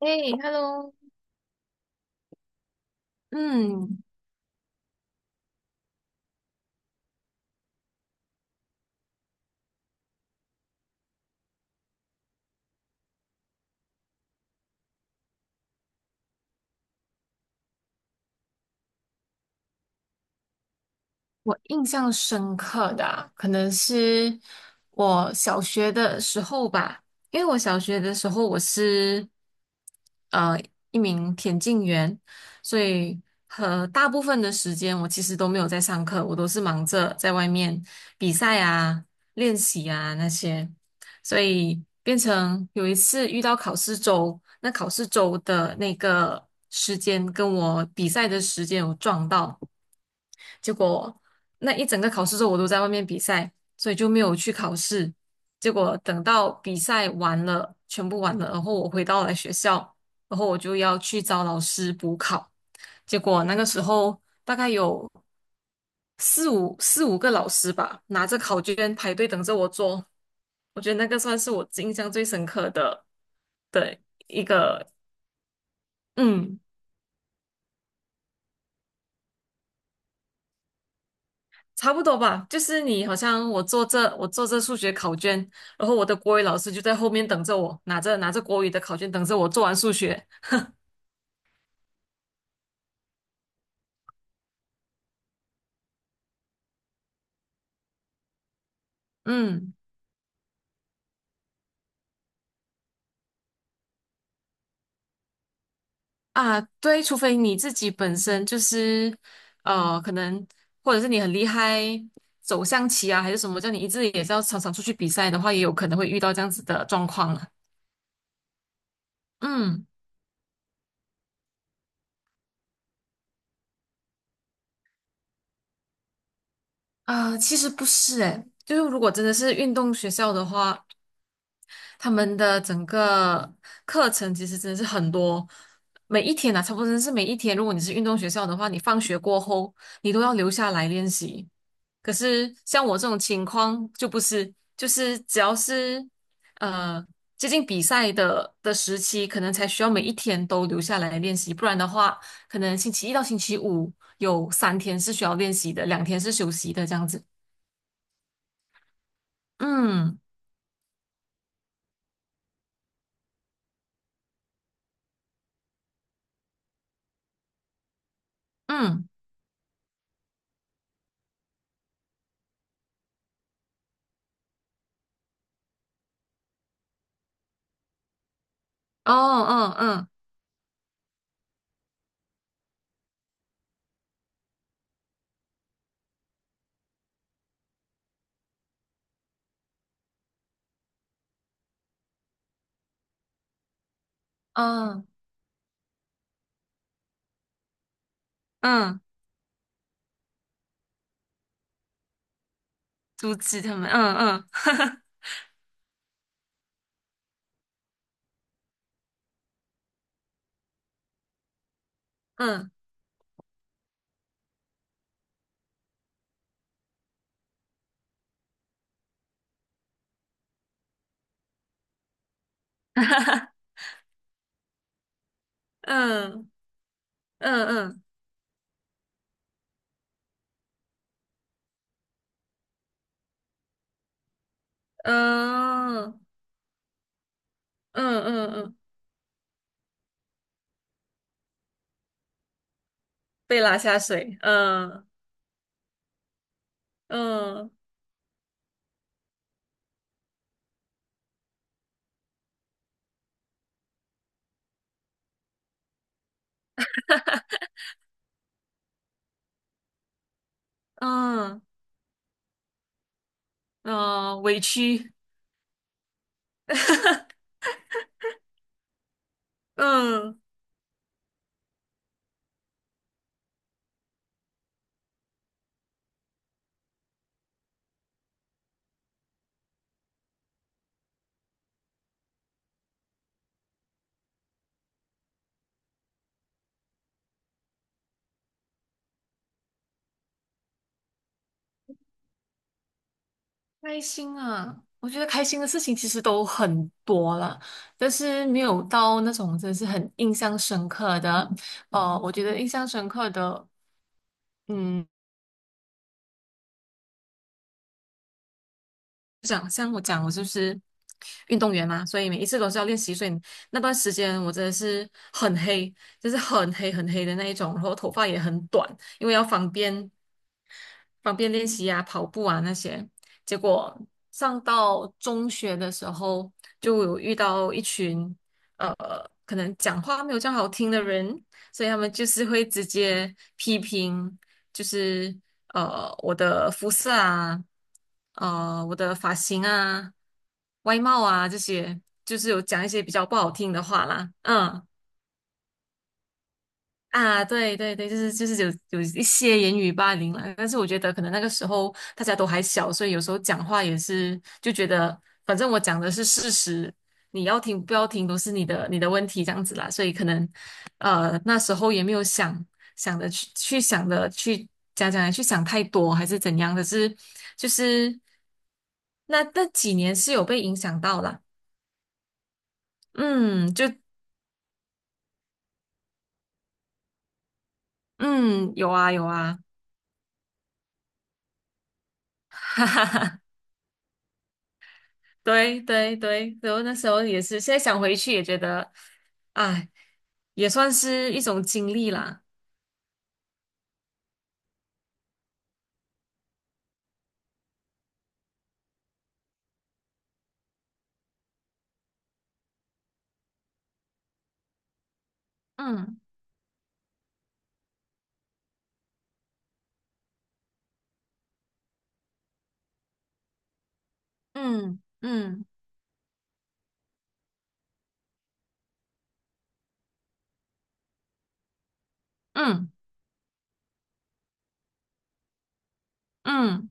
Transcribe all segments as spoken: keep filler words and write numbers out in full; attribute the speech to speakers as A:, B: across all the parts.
A: 哎，Hello，嗯，我印象深刻的啊可能是我小学的时候吧。因为我小学的时候我是呃一名田径员，所以和大部分的时间我其实都没有在上课，我都是忙着在外面比赛啊、练习啊那些，所以变成有一次遇到考试周，那考试周的那个时间跟我比赛的时间有撞到。结果那一整个考试周我都在外面比赛，所以就没有去考试。结果等到比赛完了，全部完了，然后我回到了学校，然后我就要去找老师补考。结果那个时候大概有四五四五个老师吧，拿着考卷排队等着我做。我觉得那个算是我印象最深刻的的一个，嗯。差不多吧，就是你好像我做这我做这数学考卷，然后我的国语老师就在后面等着我，拿着拿着国语的考卷等着我做完数学。嗯。啊，对，除非你自己本身就是呃，可能或者是你很厉害走象棋啊，还是什么，叫你一直也是要常常出去比赛的话，也有可能会遇到这样子的状况了。嗯，啊，其实不是诶，就是如果真的是运动学校的话，他们的整个课程其实真的是很多，每一天啊，差不多真的是每一天。如果你是运动学校的话，你放学过后你都要留下来练习。可是像我这种情况就不是，就是只要是呃接近比赛的的时期，可能才需要每一天都留下来练习，不然的话，可能星期一到星期五有三天是需要练习的，两天是休息的这样子。嗯嗯，哦嗯嗯嗯嗯。阻止他们，嗯嗯 嗯 嗯嗯嗯嗯嗯嗯嗯，被拉下水，嗯嗯嗯嗯，委屈，嗯，开心啊！我觉得开心的事情其实都很多了，但是没有到那种真的是很印象深刻的。呃，我觉得印象深刻的。嗯。讲像我讲，我就是运动员嘛，所以每一次都是要练习。所以那段时间我真的是很黑，就是很黑很黑的那一种，然后头发也很短，因为要方便方便练习啊、跑步啊那些。结果上到中学的时候，就有遇到一群呃，可能讲话没有这样好听的人，所以他们就是会直接批评。就是呃我的肤色啊，呃我的发型啊、外貌啊这些，就是有讲一些比较不好听的话啦，嗯。啊，对对对，就是就是有有一些言语霸凌了，但是我觉得可能那个时候大家都还小，所以有时候讲话也是就觉得，反正我讲的是事实，你要听不要听都是你的你的问题这样子啦，所以可能呃那时候也没有想想的去去想的去讲讲来去想太多还是怎样，可是就是那那几年是有被影响到啦，嗯，就嗯，有啊有啊，哈哈哈。对对对，然后那时候也是，现在想回去也觉得，哎，也算是一种经历啦。嗯嗯嗯嗯嗯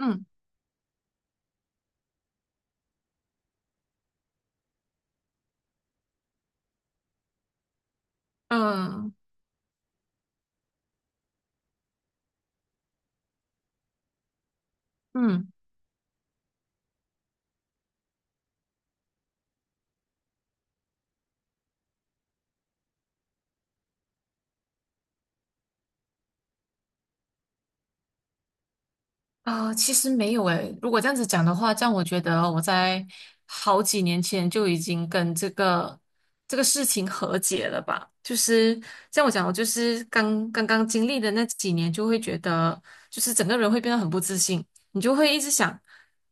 A: 嗯嗯嗯嗯。啊、其实没有诶。如果这样子讲的话，这样我觉得哦我在好几年前就已经跟这个这个事情和解了吧。就是像我讲，我就是刚刚刚经历的那几年，就会觉得就是整个人会变得很不自信，你就会一直想，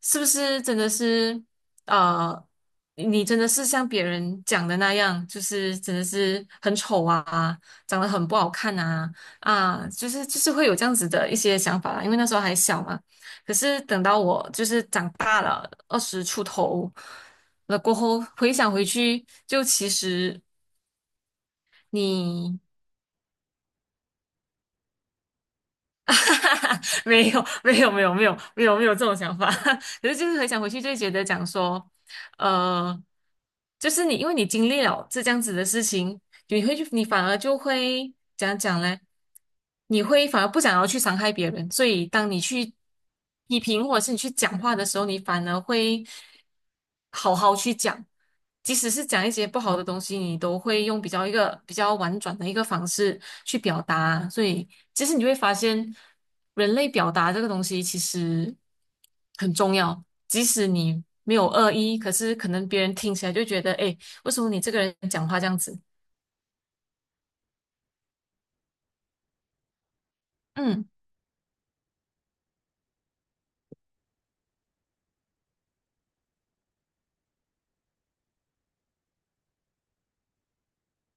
A: 是不是真的是呃，你真的是像别人讲的那样，就是真的是很丑啊，长得很不好看啊。啊，就是就是会有这样子的一些想法啦，因为那时候还小嘛，可是等到我就是长大了，二十出头了过后，回想回去，就其实你 没有没有没有没有没有没有这种想法，可是就是回想回去就会觉得讲说，呃，就是你因为你经历了这这样子的事情，你会去，你反而就会怎样讲呢？你会反而不想要去伤害别人，所以当你去批评或者是你去讲话的时候，你反而会好好去讲，即使是讲一些不好的东西，你都会用比较一个比较婉转的一个方式去表达。所以其实你会发现，人类表达这个东西其实很重要，即使你没有恶意，可是可能别人听起来就觉得，哎，为什么你这个人讲话这样子？嗯。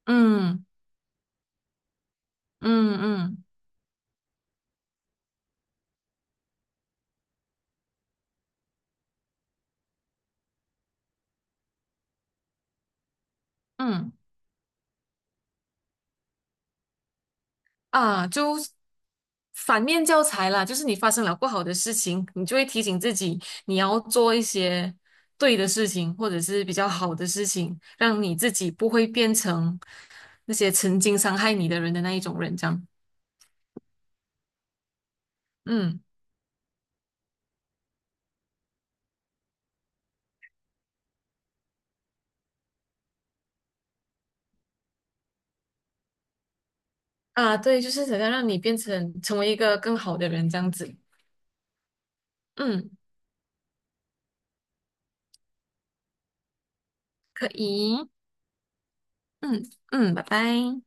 A: 嗯嗯嗯嗯。啊，就反面教材啦，就是你发生了不好的事情，你就会提醒自己，你要做一些对的事情，或者是比较好的事情，让你自己不会变成那些曾经伤害你的人的那一种人，这样。嗯。啊，对，就是想要让你变成成为一个更好的人，这样子。嗯，可以。嗯嗯，拜拜。